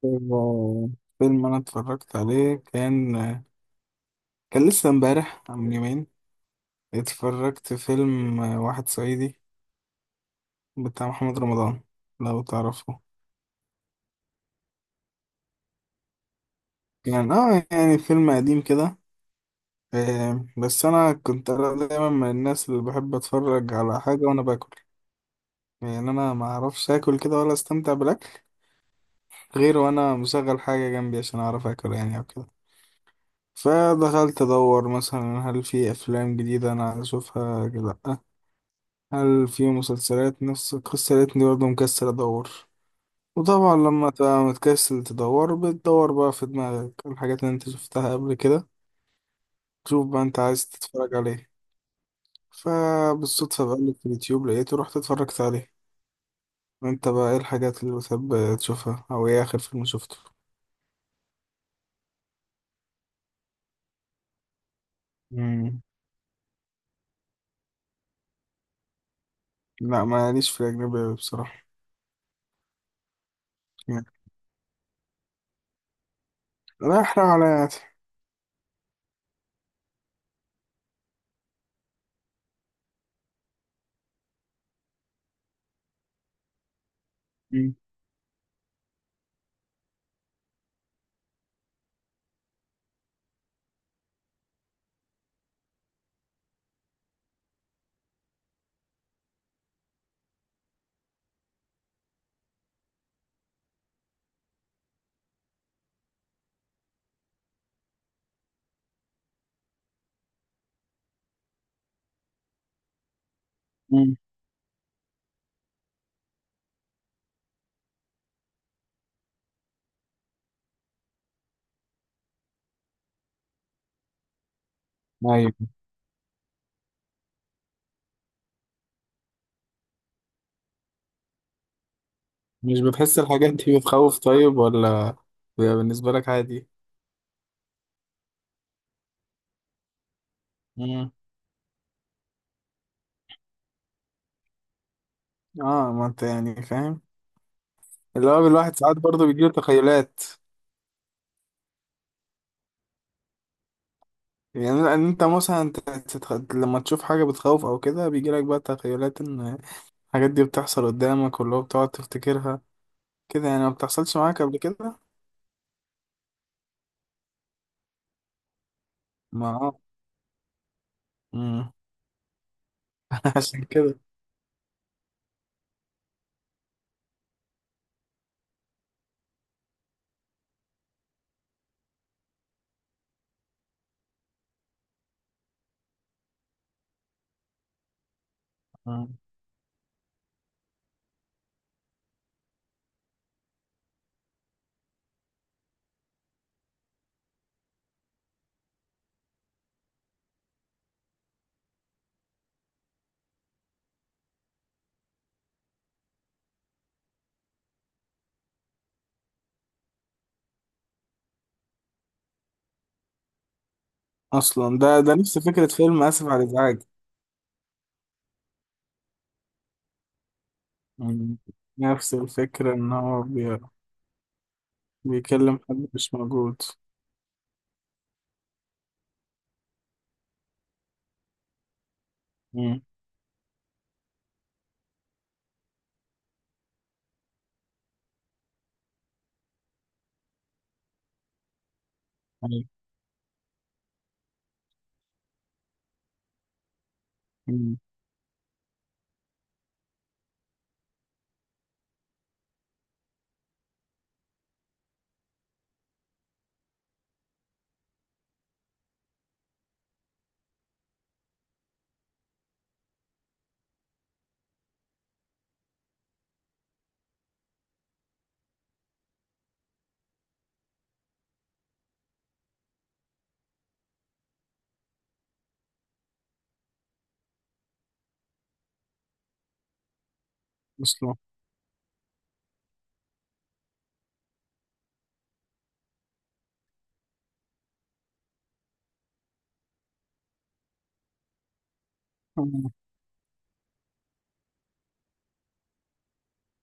فيلم فيلم أنا اتفرجت عليه، كان لسه امبارح من يومين. اتفرجت فيلم واحد صعيدي بتاع محمد رمضان، لو تعرفه. يعني فيلم قديم كده. آه، بس أنا كنت دايما من الناس اللي بحب أتفرج على حاجة وأنا باكل. يعني أنا ما أعرفش آكل كده ولا أستمتع بالأكل غير وأنا مشغل حاجة جنبي عشان أعرف آكل، يعني أو كده. فدخلت أدور مثلا، هل في أفلام جديدة أنا أشوفها كده؟ هل في مسلسلات نفس القصة؟ لقيتني برضه مكسل أدور. وطبعا لما تبقى متكسل تدور، بتدور بقى في دماغك الحاجات اللي انت شفتها قبل كده، تشوف بقى انت عايز تتفرج عليه. فبالصدفة بقلب في اليوتيوب لقيته، رحت اتفرجت عليه. وانت بقى ايه الحاجات اللي بتحب تشوفها، او ايه آخر فيلم شفته؟ مم. لا ماليش في الأجنبي أوي بصراحة. يعني لا أحرق على يعني. مم. مم. أيوة. مش بتحس الحاجات دي بتخوف طيب، ولا بيبقى بالنسبة لك عادي؟ اه ما انت يعني فاهم، اللي هو الواحد ساعات برضه بيجيله تخيلات. يعني لان انت مثلا لما تشوف حاجة بتخوف او كده، بيجيلك بقى تخيلات ان الحاجات دي بتحصل قدامك، واللي هو بتقعد تفتكرها كده. يعني ما بتحصلش معاك قبل كده؟ ما اه مم. عشان كده. مم. اصلا ده نفس فكرة فيلم اسف على الازعاج. مم. نفس الفكرة ان هو بيكلم حد مش موجود. مم. أيوة. مم. اصلا،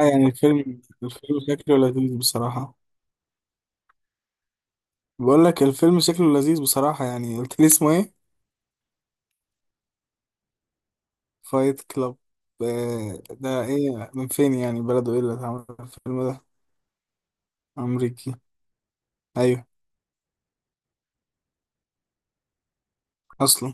آه، يعني الفيلم شكله لذيذ بصراحة. بقول لك الفيلم شكله لذيذ بصراحة، يعني قلت لي اسمه ايه؟ فايت كلاب؟ آه، ده ايه، من فين يعني، بلده ايه اللي اتعمل الفيلم ده؟ امريكي. ايوه. اصلا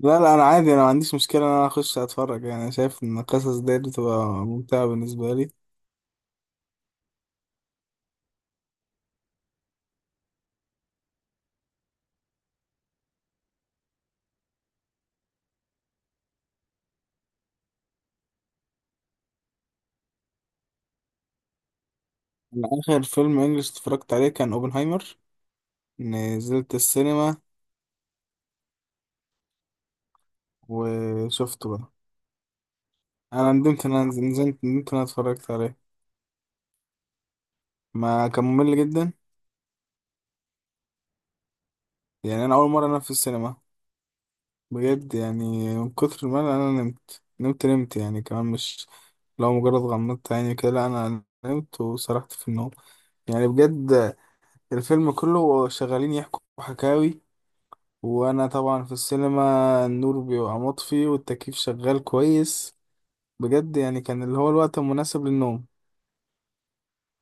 لا لا، انا عادي، انا ما عنديش مشكلة ان انا اخش اتفرج. يعني أنا شايف ان القصص دي بتبقى ممتعة بالنسبة لي. أنا اخر فيلم انجلش اتفرجت عليه كان اوبنهايمر. نزلت السينما وشفته بقى. انا ندمت ان انا نزلت، ندمت ان انا اتفرجت عليه. ما كان ممل جدا، يعني انا اول مره انام في السينما بجد. يعني من كتر ما انا نمت نمت نمت. يعني كمان مش لو مجرد غمضت عيني كده، لا انا نمت وسرحت في النوم يعني بجد. الفيلم كله شغالين يحكوا حكاوي، وانا طبعا في السينما النور بيبقى مطفي والتكييف شغال كويس، بجد يعني كان اللي هو الوقت المناسب للنوم.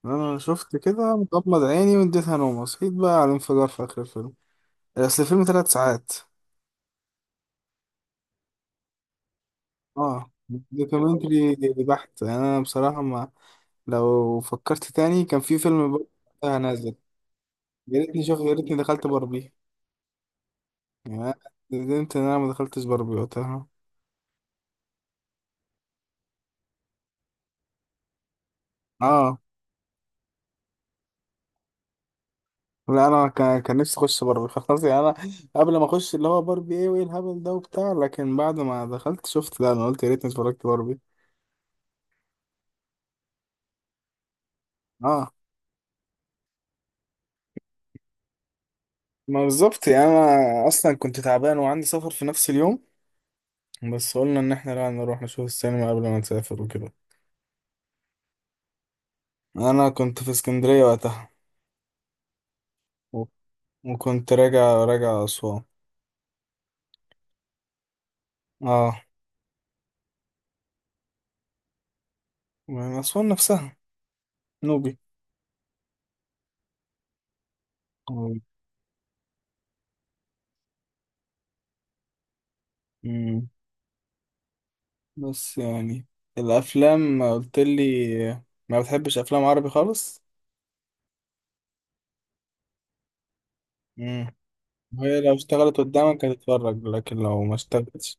انا شفت كده مغمض عيني واديتها نوم، صحيت بقى على الانفجار في اخر الفيلم. اصل الفيلم 3 ساعات. اه، دوكيومنتري بحت انا بصراحه. ما لو فكرت تاني، كان في فيلم برضه وقتها نازل. يا ريتني شوف، يا ريتني دخلت باربي. يعني أنا ندمت ان انا ما دخلتش باربي وقتها. اه. لا انا كان نفسي اخش باربي خلاص. يعني انا قبل ما اخش اللي هو باربي، ايه وايه الهبل ده وبتاع، لكن بعد ما دخلت شفت، لا، انا قلت يا ريتني اتفرجت باربي. اه ما بالظبط. يعني انا اصلا كنت تعبان وعندي سفر في نفس اليوم، بس قلنا ان احنا لا نروح نشوف السينما قبل ما نسافر وكده. انا كنت في اسكندريه وقتها. أوف. وكنت راجع، راجع اسوان. اه. من اسوان نفسها، نوبي. أوه. مم. بس يعني الافلام قلت لي ما بتحبش افلام عربي خالص. امم. وهي لو اشتغلت قدامك هتتفرج، لكن لو ما اشتغلتش.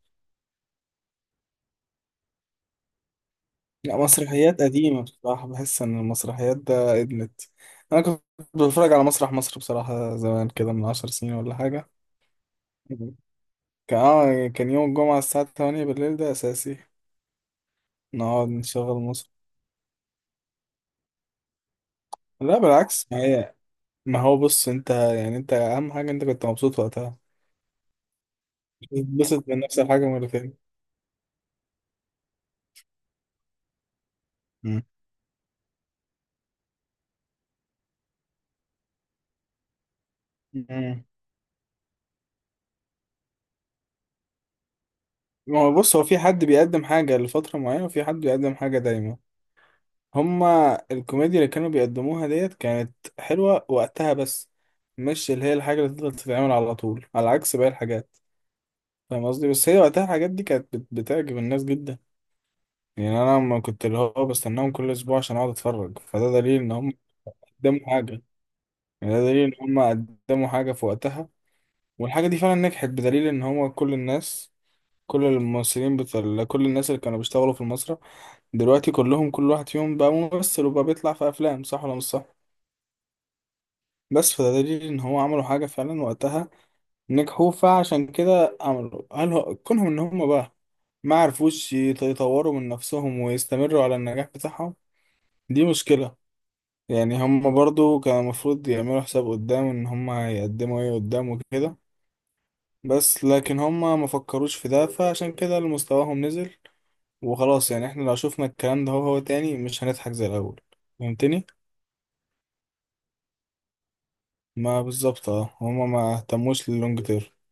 لا، مسرحيات قديمة بصراحة بحس ان المسرحيات ده ادمت. انا كنت بتفرج على مسرح مصر بصراحة، زمان كده من 10 سنين ولا حاجة. مم. كان، اه، كان يوم الجمعة الساعة 8 بالليل ده اساسي نقعد نشغل مصر. لا بالعكس، ما هي، ما هو بص انت يعني، انت اهم حاجه انت كنت مبسوط وقتها. بتتبسط من نفس الحاجه مرتين. مم. مم. ما هو بص، هو في حد بيقدم حاجه لفتره معينه، وفي حد بيقدم حاجه دايما. هما الكوميديا اللي كانوا بيقدموها ديت كانت حلوه وقتها، بس مش اللي هي الحاجه اللي تفضل تتعمل على طول، على عكس باقي الحاجات. فاهم قصدي؟ بس هي وقتها الحاجات دي كانت بتعجب الناس جدا. يعني انا لما كنت اللي هو بستناهم كل اسبوع عشان اقعد اتفرج، فده دليل ان هم قدموا حاجه. يعني ده دليل ان هم قدموا حاجة في وقتها، والحاجة دي فعلا نجحت، بدليل ان هو كل الناس، كل الممثلين بتاع كل الناس اللي كانوا بيشتغلوا في المسرح دلوقتي كلهم، كل واحد فيهم بقى ممثل وبقى بيطلع في افلام، صح ولا مش صح؟ بس فده دليل ان هو عملوا حاجة فعلا وقتها، نجحوا. فعشان كده عملوا، هل هو كونهم ان هم بقى ما عرفوش يطوروا من نفسهم ويستمروا على النجاح بتاعهم، دي مشكلة. يعني هم برضو كان المفروض يعملوا حساب قدام ان هم هيقدموا ايه قدام وكده، بس لكن هما ما فكروش في ده، فعشان كده مستواهم نزل وخلاص. يعني احنا لو شفنا الكلام ده، هو تاني مش هنضحك زي الاول. فهمتني؟ ما بالظبط. اه هما ما اهتموش لللونج تيرم.